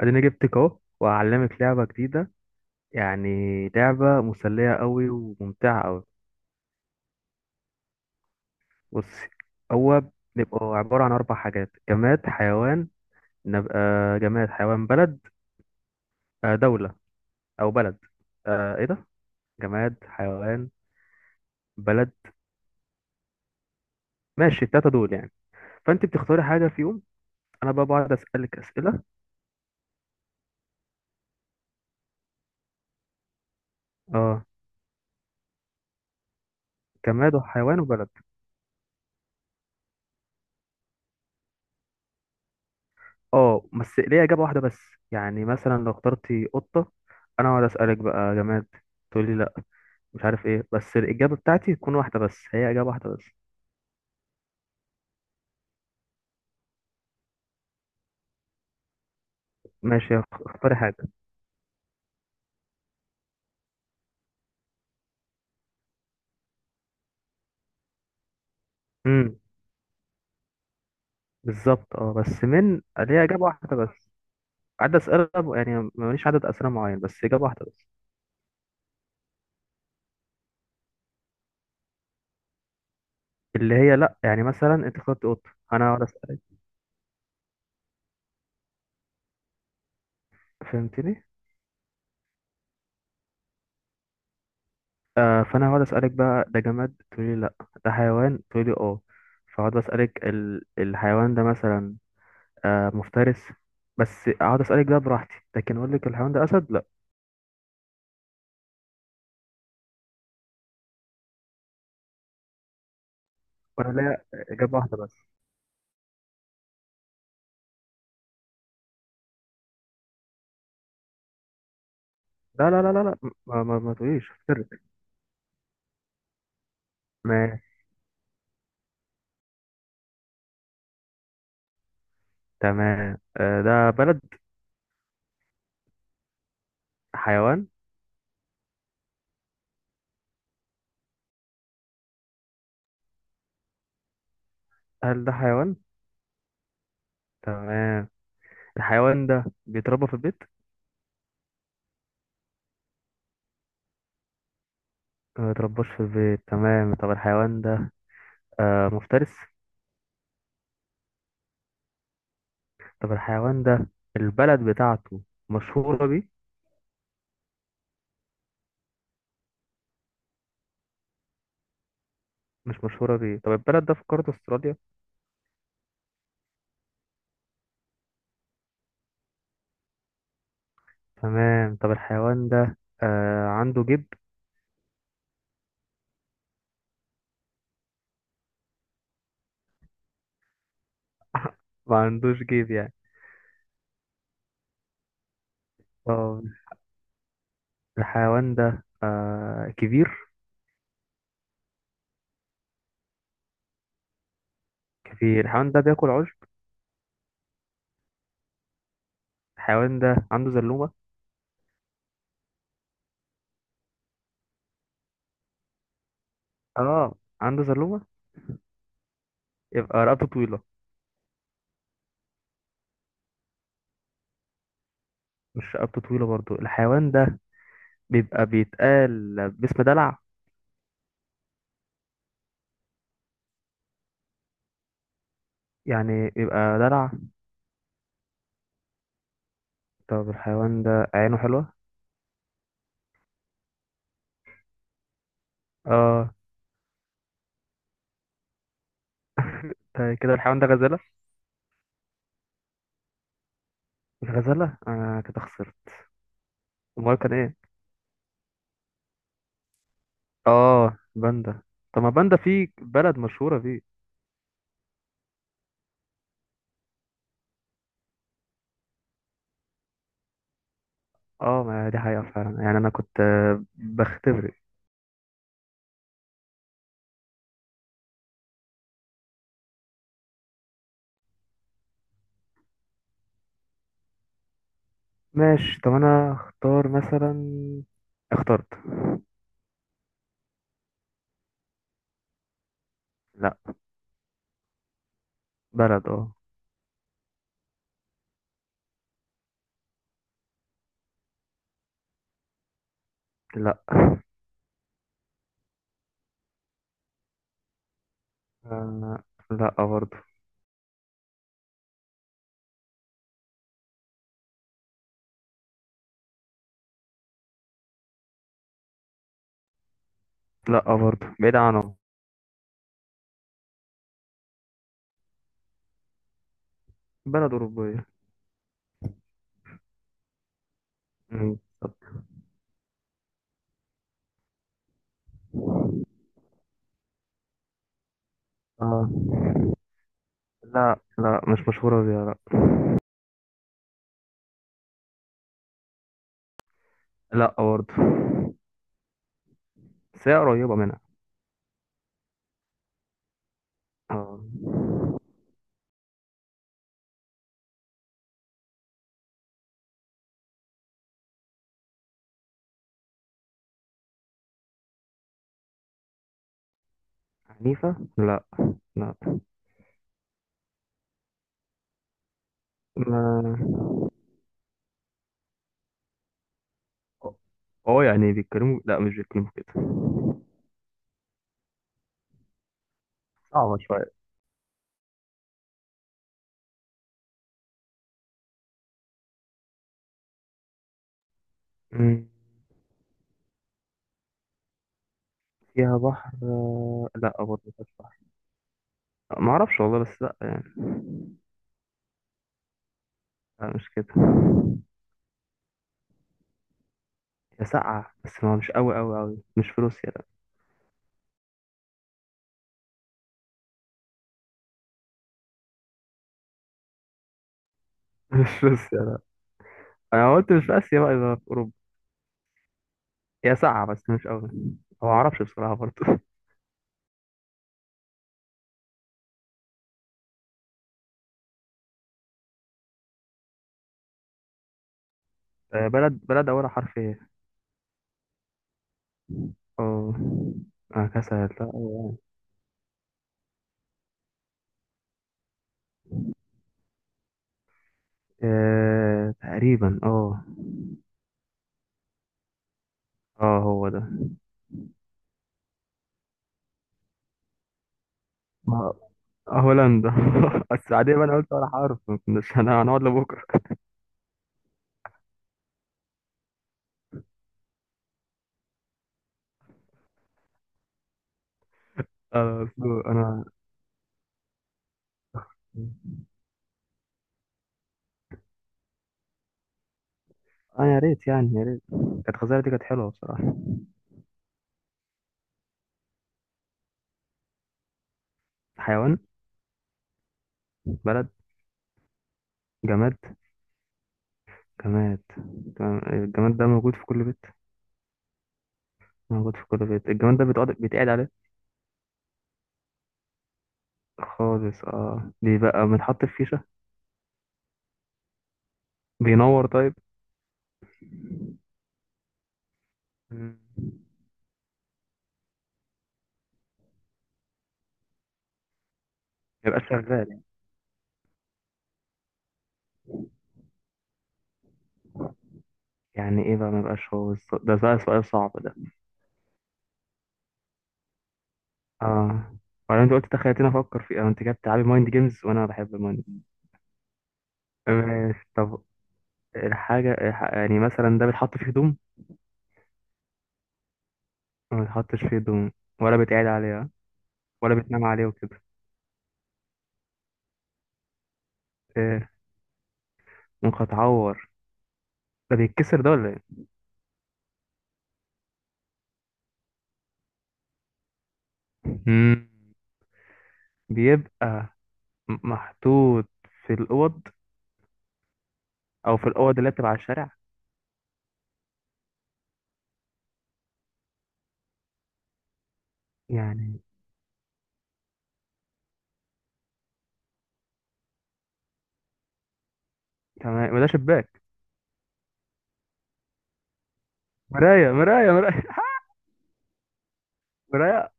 اديني جبتك اهو وهعلمك لعبة جديدة، يعني لعبة مسلية قوي وممتعة قوي. بصي، هو بيبقى عبارة عن اربع حاجات. جماد، حيوان، نبقى جماد، حيوان، بلد. دولة او بلد. ايه ده. جماد، حيوان، بلد. ماشي، التلاتة دول يعني. فانت بتختاري حاجة فيهم. انا بقى بقعد اسألك اسئلة. اه. جماد وحيوان وبلد. اه، بس ليه اجابة واحدة بس. يعني مثلا لو اخترتي قطة، انا اقعد اسألك بقى جماد، تقولي مش عارف ايه، بس الإجابة بتاعتي تكون واحدة بس، هي إجابة واحدة بس. ماشي، اختاري حاجة. امم بالظبط، اه، بس من ليها إجابة واحدة بس. عدد أسئلة، يعني ماليش عدد أسئلة معين، بس إجابة واحدة بس. اللي هي لأ، يعني مثلا أنت اخترت قطة، أنا هقعد أسألك. فهمتني؟ آه، فأنا هقعد أسألك بقى ده جماد، تقولي لأ. ده حيوان، تقولي اه. فهقعد أسألك الحيوان ده مثلا مفترس، بس اقعد اسالك ده براحتي، لكن اقول لك الحيوان ده اسد لا. وانا ليا اجابه واحده بس. لا لا لا لا لا، ما تقوليش افترق. ماشي. تمام، ده بلد؟ حيوان؟ هل ده حيوان؟ تمام. الحيوان ده بيتربى في البيت؟ ما بيترباش في البيت. تمام. طب الحيوان ده مفترس؟ طب الحيوان ده البلد بتاعته مشهورة بيه؟ مش مشهورة بيه. طب البلد ده في قارة استراليا؟ تمام. طب الحيوان ده عنده جيب؟ ما عندوش جيب يعني. طب الحيوان ده كبير؟ كبير. الحيوان ده بياكل عشب؟ الحيوان ده عنده زلومة؟ اه، عنده زلومة. يبقى رقبته طويلة؟ مش رقبته طويلة برضو. الحيوان ده بيبقى بيتقال باسم دلع؟ يعني بيبقى دلع. طب الحيوان ده عينه حلوة؟ اه، ده كده الحيوان ده غزالة. الغزالة. انا كده خسرت. امال كان ايه؟ اه، باندا. طب ما باندا في بلد مشهورة بيه. اه، ما دي حقيقة فعلا، يعني انا كنت بختبر. ماشي. طب انا اختار مثلا. اخترت. لا. بلد، اه. لا. آه، لا برضو. لا برضه، بعيد عنهم. بلد أوروبية. مم. طب. آه. لا لا، مش مشهورة بيها لا. لا برضه، بس هي قريبة منها. آه. عنيفة؟ لا. لا. ما اه يعني بيتكلموا، لا مش بيتكلموا كده. صعبة شوية. مم. فيها بحر؟ لا برضه مفيهاش بحر. ما اعرفش والله، بس لا يعني. لا مش كده. هي ساقعة، بس ما مش قوي قوي قوي. مش في روسيا لا. مش في روسيا لا. انا قلت مش في اسيا بقى، يبقى في اوروبا. هي ساقعة بس مش قوي. ما اعرفش بصراحة برضه. بلد اولها حرف ايه؟ اه. اه، كسل لا. تقريبا اه. اه، هو ده. ما هولندا. بس عادي بقى، انا قلت ولا حرف، ما كناش هنقعد لبكره. انا انا اه يا ريت يعني يا ريت كانت الخزانه دي كانت حلوه بصراحه. حيوان؟ بلد؟ جماد؟ جماد. تمام. الجماد ده موجود في كل بيت؟ موجود في كل بيت. الجماد ده بيتقعد عليه؟ خالص. اه، بيبقى بنحط في فيشة؟ بينور؟ طيب. مم. ميبقاش شغال يعني. يعني ايه بقى ميبقاش؟ هو ده بقى سؤال صعب ده. اه. وبعدين انت قلت تخيلتني افكر فيه. انت كده بتلعبي مايند جيمز وانا بحب المايند جيمز. ماشي طب. يعني مثلا ده بيتحط فيه هدوم؟ ما بيتحطش فيه هدوم؟ ولا بيتقعد عليها؟ ولا بتنام عليه وكده؟ ايه؟ ممكن اتعور؟ ده بيتكسر ده ولا ايه؟ مم. بيبقى محطوط في الأوض. أو في الأوض اللي بتبقى على الشارع يعني. تمام. ما ده شباك. مراية مراية مراية. مراية.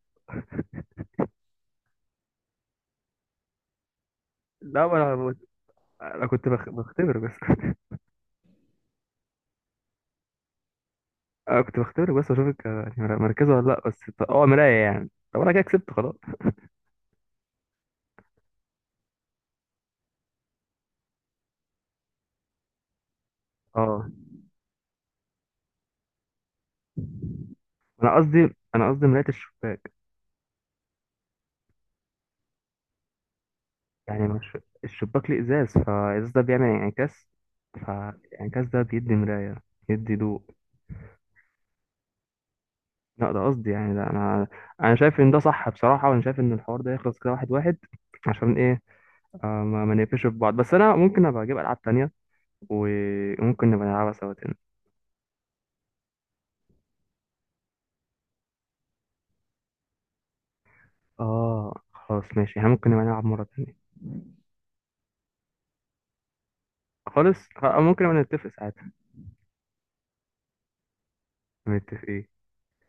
لا، ما انا انا كنت بختبر بس. انا كنت بختبر بس اشوفك مركزه ولا لا بس. اه، مراية يعني. طب انا كده كسبت خلاص. اه، انا قصدي مراية الشباك، يعني مش، الشباك ليه ازاز، فالازاز ده بيعمل انعكاس، فالانعكاس ده بيدي مراية، يدي ضوء. لا ده قصدي يعني ده. انا شايف ان ده صح بصراحة، وانا شايف ان الحوار ده يخلص كده واحد واحد. عشان ايه؟ آه، ما نقفش في بعض، بس انا ممكن ابقى اجيب العاب تانية، وممكن نبقى نلعبها سوا تاني. اه، خلاص ماشي، احنا ممكن نبقى نلعب مرة تانية. خالص، أو ممكن نبقى نتفق ساعتها. نتفق إيه؟